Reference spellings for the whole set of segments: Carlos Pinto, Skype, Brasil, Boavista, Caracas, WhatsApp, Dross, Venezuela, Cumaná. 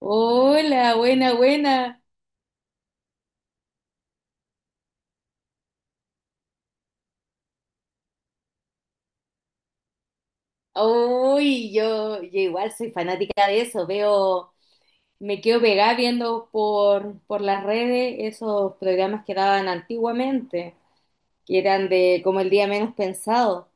Hola, buena, buena. Uy, yo igual soy fanática de eso. Veo, me quedo pegada viendo por las redes esos programas que daban antiguamente, que eran de como el día menos pensado.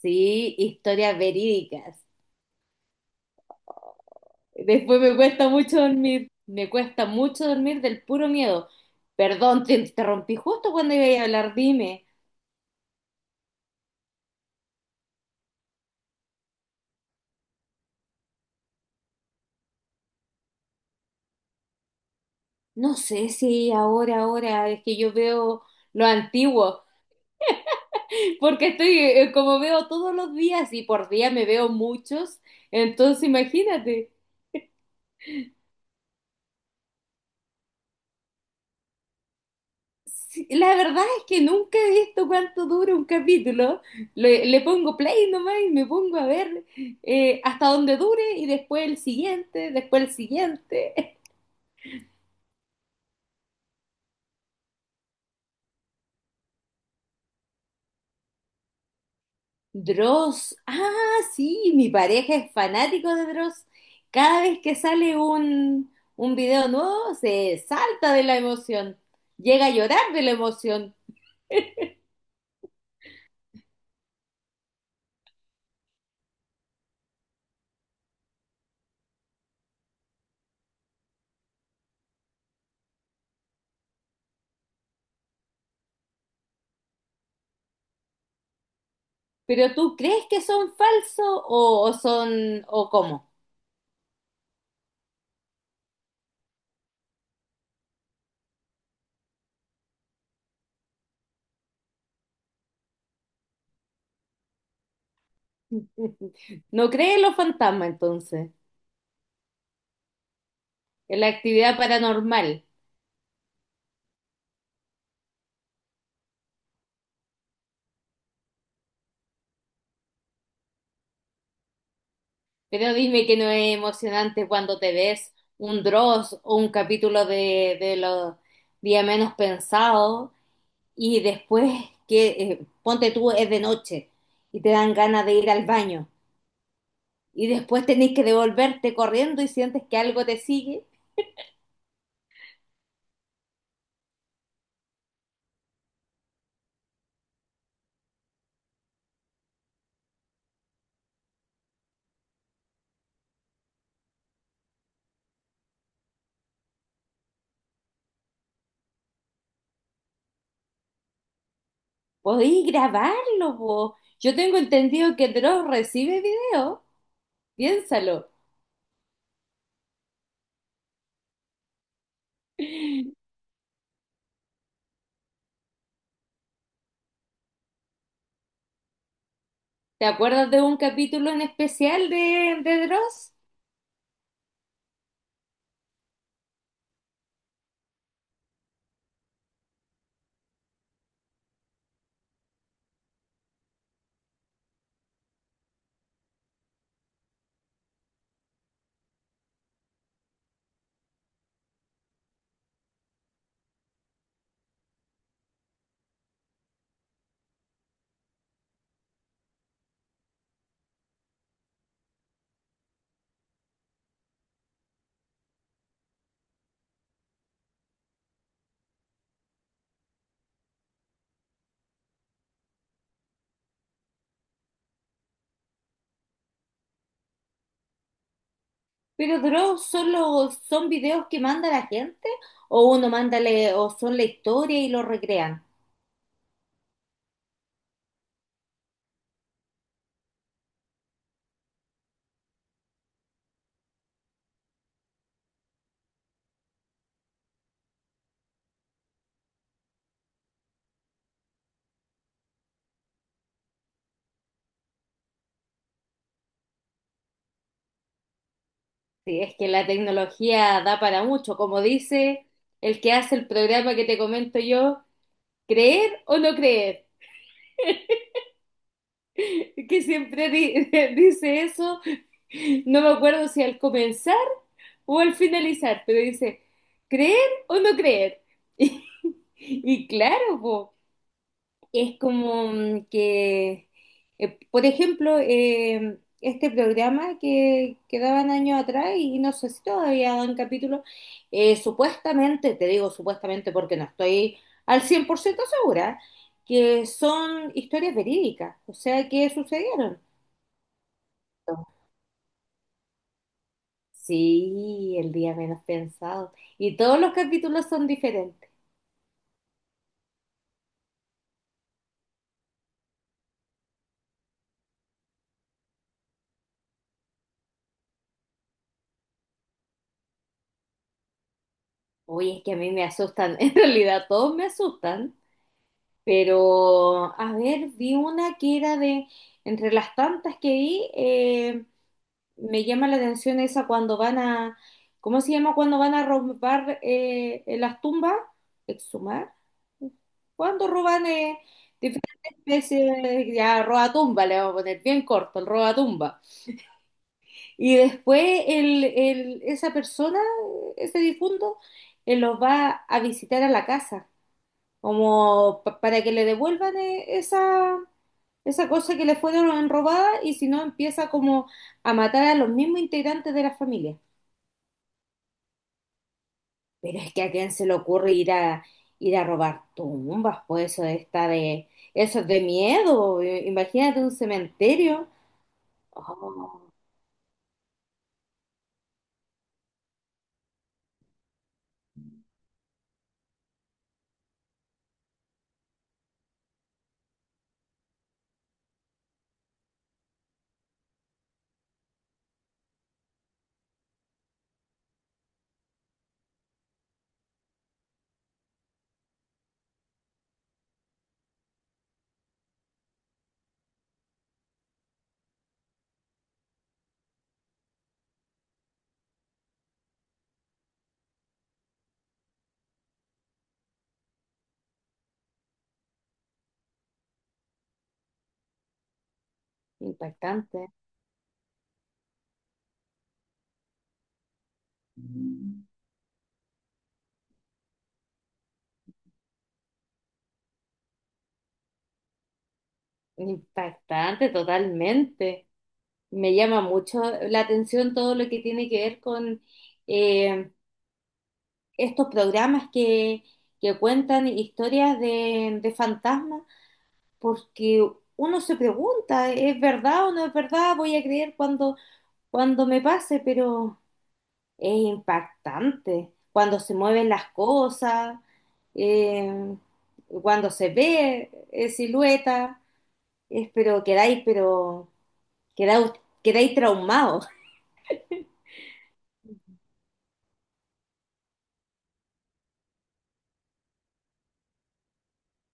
Sí, historias verídicas. Después me cuesta mucho dormir, me cuesta mucho dormir del puro miedo. Perdón, te interrumpí justo cuando iba a hablar, dime. No sé si ahora, es que yo veo lo antiguo. Porque estoy, como veo todos los días y por día me veo muchos, entonces imagínate. Sí, la verdad es que nunca he visto cuánto dura un capítulo. Le pongo play nomás y me pongo a ver hasta donde dure y después el siguiente, después el siguiente. Dross. Ah, sí, mi pareja es fanático de Dross. Cada vez que sale un video nuevo, se salta de la emoción. Llega a llorar de la emoción. ¿Pero tú crees que son falsos o son o cómo? No crees en los fantasmas entonces, en la actividad paranormal, pero dime que no es emocionante cuando te ves un Dross o un capítulo de los días menos pensados y después que ponte tú es de noche y te dan ganas de ir al baño y después tenés que devolverte corriendo y sientes que algo te sigue. Podéis grabarlo, vos. Yo tengo entendido que Dross recibe video. Piénsalo. ¿Te acuerdas de un capítulo en especial de Dross? Pero Dross solo son videos que manda la gente o uno manda o son la historia y lo recrean. Sí, es que la tecnología da para mucho, como dice el que hace el programa que te comento yo, creer o no creer, que siempre dice eso. No me acuerdo si al comenzar o al finalizar, pero dice, ¿creer o no creer? Y, claro, po, es como que, por ejemplo, este programa que daban años atrás, y no sé si todavía dan capítulo, supuestamente, te digo supuestamente porque no estoy al 100% segura, que son historias verídicas, o sea, que sucedieron. Sí, el día menos pensado. Y todos los capítulos son diferentes. Oye, es que a mí me asustan, en realidad todos me asustan, pero a ver, vi una que era de, entre las tantas que vi, me llama la atención esa cuando van a, ¿cómo se llama? Cuando van a robar en las tumbas, exhumar, cuando roban diferentes especies, ya robatumba, le vamos a poner bien corto, el roba tumba. Y después esa persona, ese difunto, los va a visitar a la casa como para que le devuelvan esa, esa cosa que le fueron robada y si no empieza como a matar a los mismos integrantes de la familia. Pero es que a quién se le ocurre ir a ir a robar tumbas, pues eso está de eso es de miedo, imagínate un cementerio. Oh, impactante, impactante totalmente. Me llama mucho la atención todo lo que tiene que ver con eh, estos programas que cuentan historias de fantasmas, porque uno se pregunta, ¿es verdad o no es verdad? Voy a creer cuando, cuando me pase, pero es impactante cuando se mueven las cosas, eh, cuando se ve silueta, es, pero quedáis, quedáis traumados.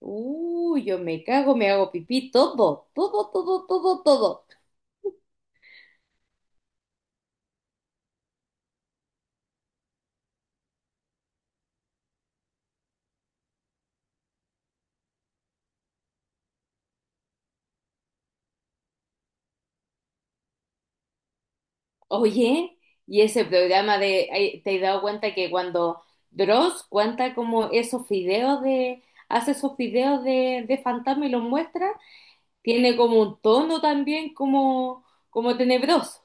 Uy, yo me cago, me hago pipí, todo, todo, todo, todo, todo. Oye, y ese programa de, ay, ¿te has dado cuenta que cuando Dross cuenta como esos videos de, hace esos videos de fantasma y los muestra, tiene como un tono también como, como tenebroso?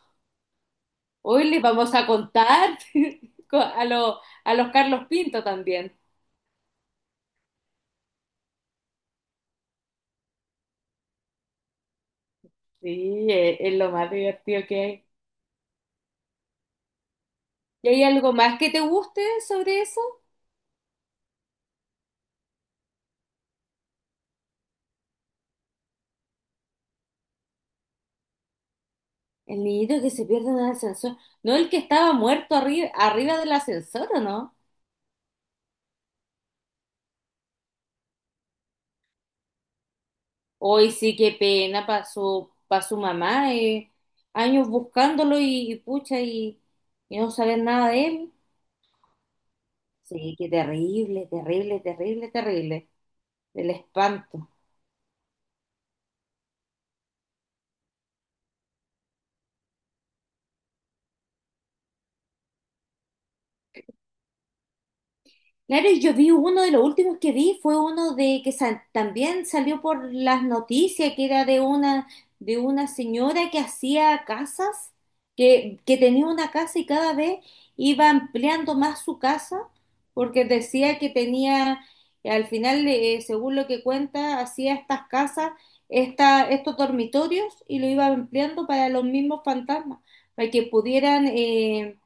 Hoy les vamos a contar co- a, los a los Carlos Pinto también. Sí, es lo más divertido que hay. ¿Y hay algo más que te guste sobre eso? El niñito que se pierde en el ascensor. ¿No el que estaba muerto arriba del ascensor, o no? Hoy sí, qué pena para su, pa' su mamá, años buscándolo y pucha, y no saber nada de él. Sí, qué terrible, terrible, terrible, terrible, del espanto. Claro, y yo vi uno de los últimos que vi fue uno de que también salió por las noticias, que era de una señora que hacía casas, que tenía una casa y cada vez iba ampliando más su casa, porque decía que tenía, al final, según lo que cuenta, hacía estas casas, esta, estos dormitorios y lo iba ampliando para los mismos fantasmas, para que pudieran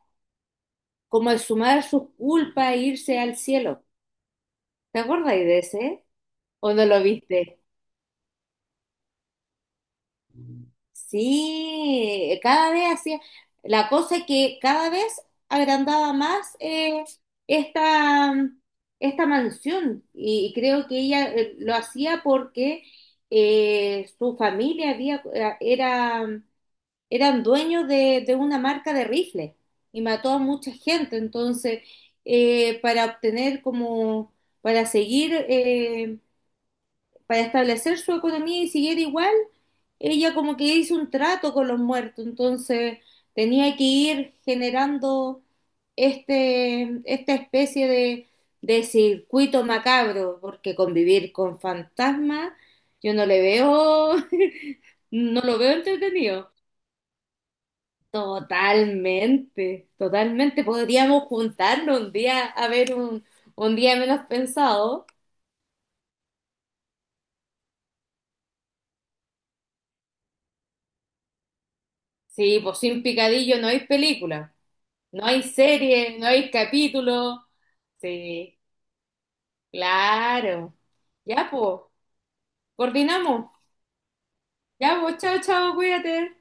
como exhumar sus culpas e irse al cielo. ¿Te acordáis de ese? ¿O no lo viste? Sí, cada vez hacía. La cosa es que cada vez agrandaba más esta, esta mansión. Y creo que ella lo hacía porque su familia había, era, eran dueños de una marca de rifles y mató a mucha gente. Entonces, para obtener como, para seguir. Para establecer su economía y siguiera igual, ella como que hizo un trato con los muertos, entonces tenía que ir generando este, esta especie de circuito macabro, porque convivir con fantasmas, yo no le veo, no lo veo entretenido. Totalmente, totalmente. Podríamos juntarnos un día a ver un día menos pensado. Sí, pues sin picadillo no hay película. No hay serie, no hay capítulo. Sí, claro. Ya, pues, coordinamos. Ya, pues, chao, chao, cuídate.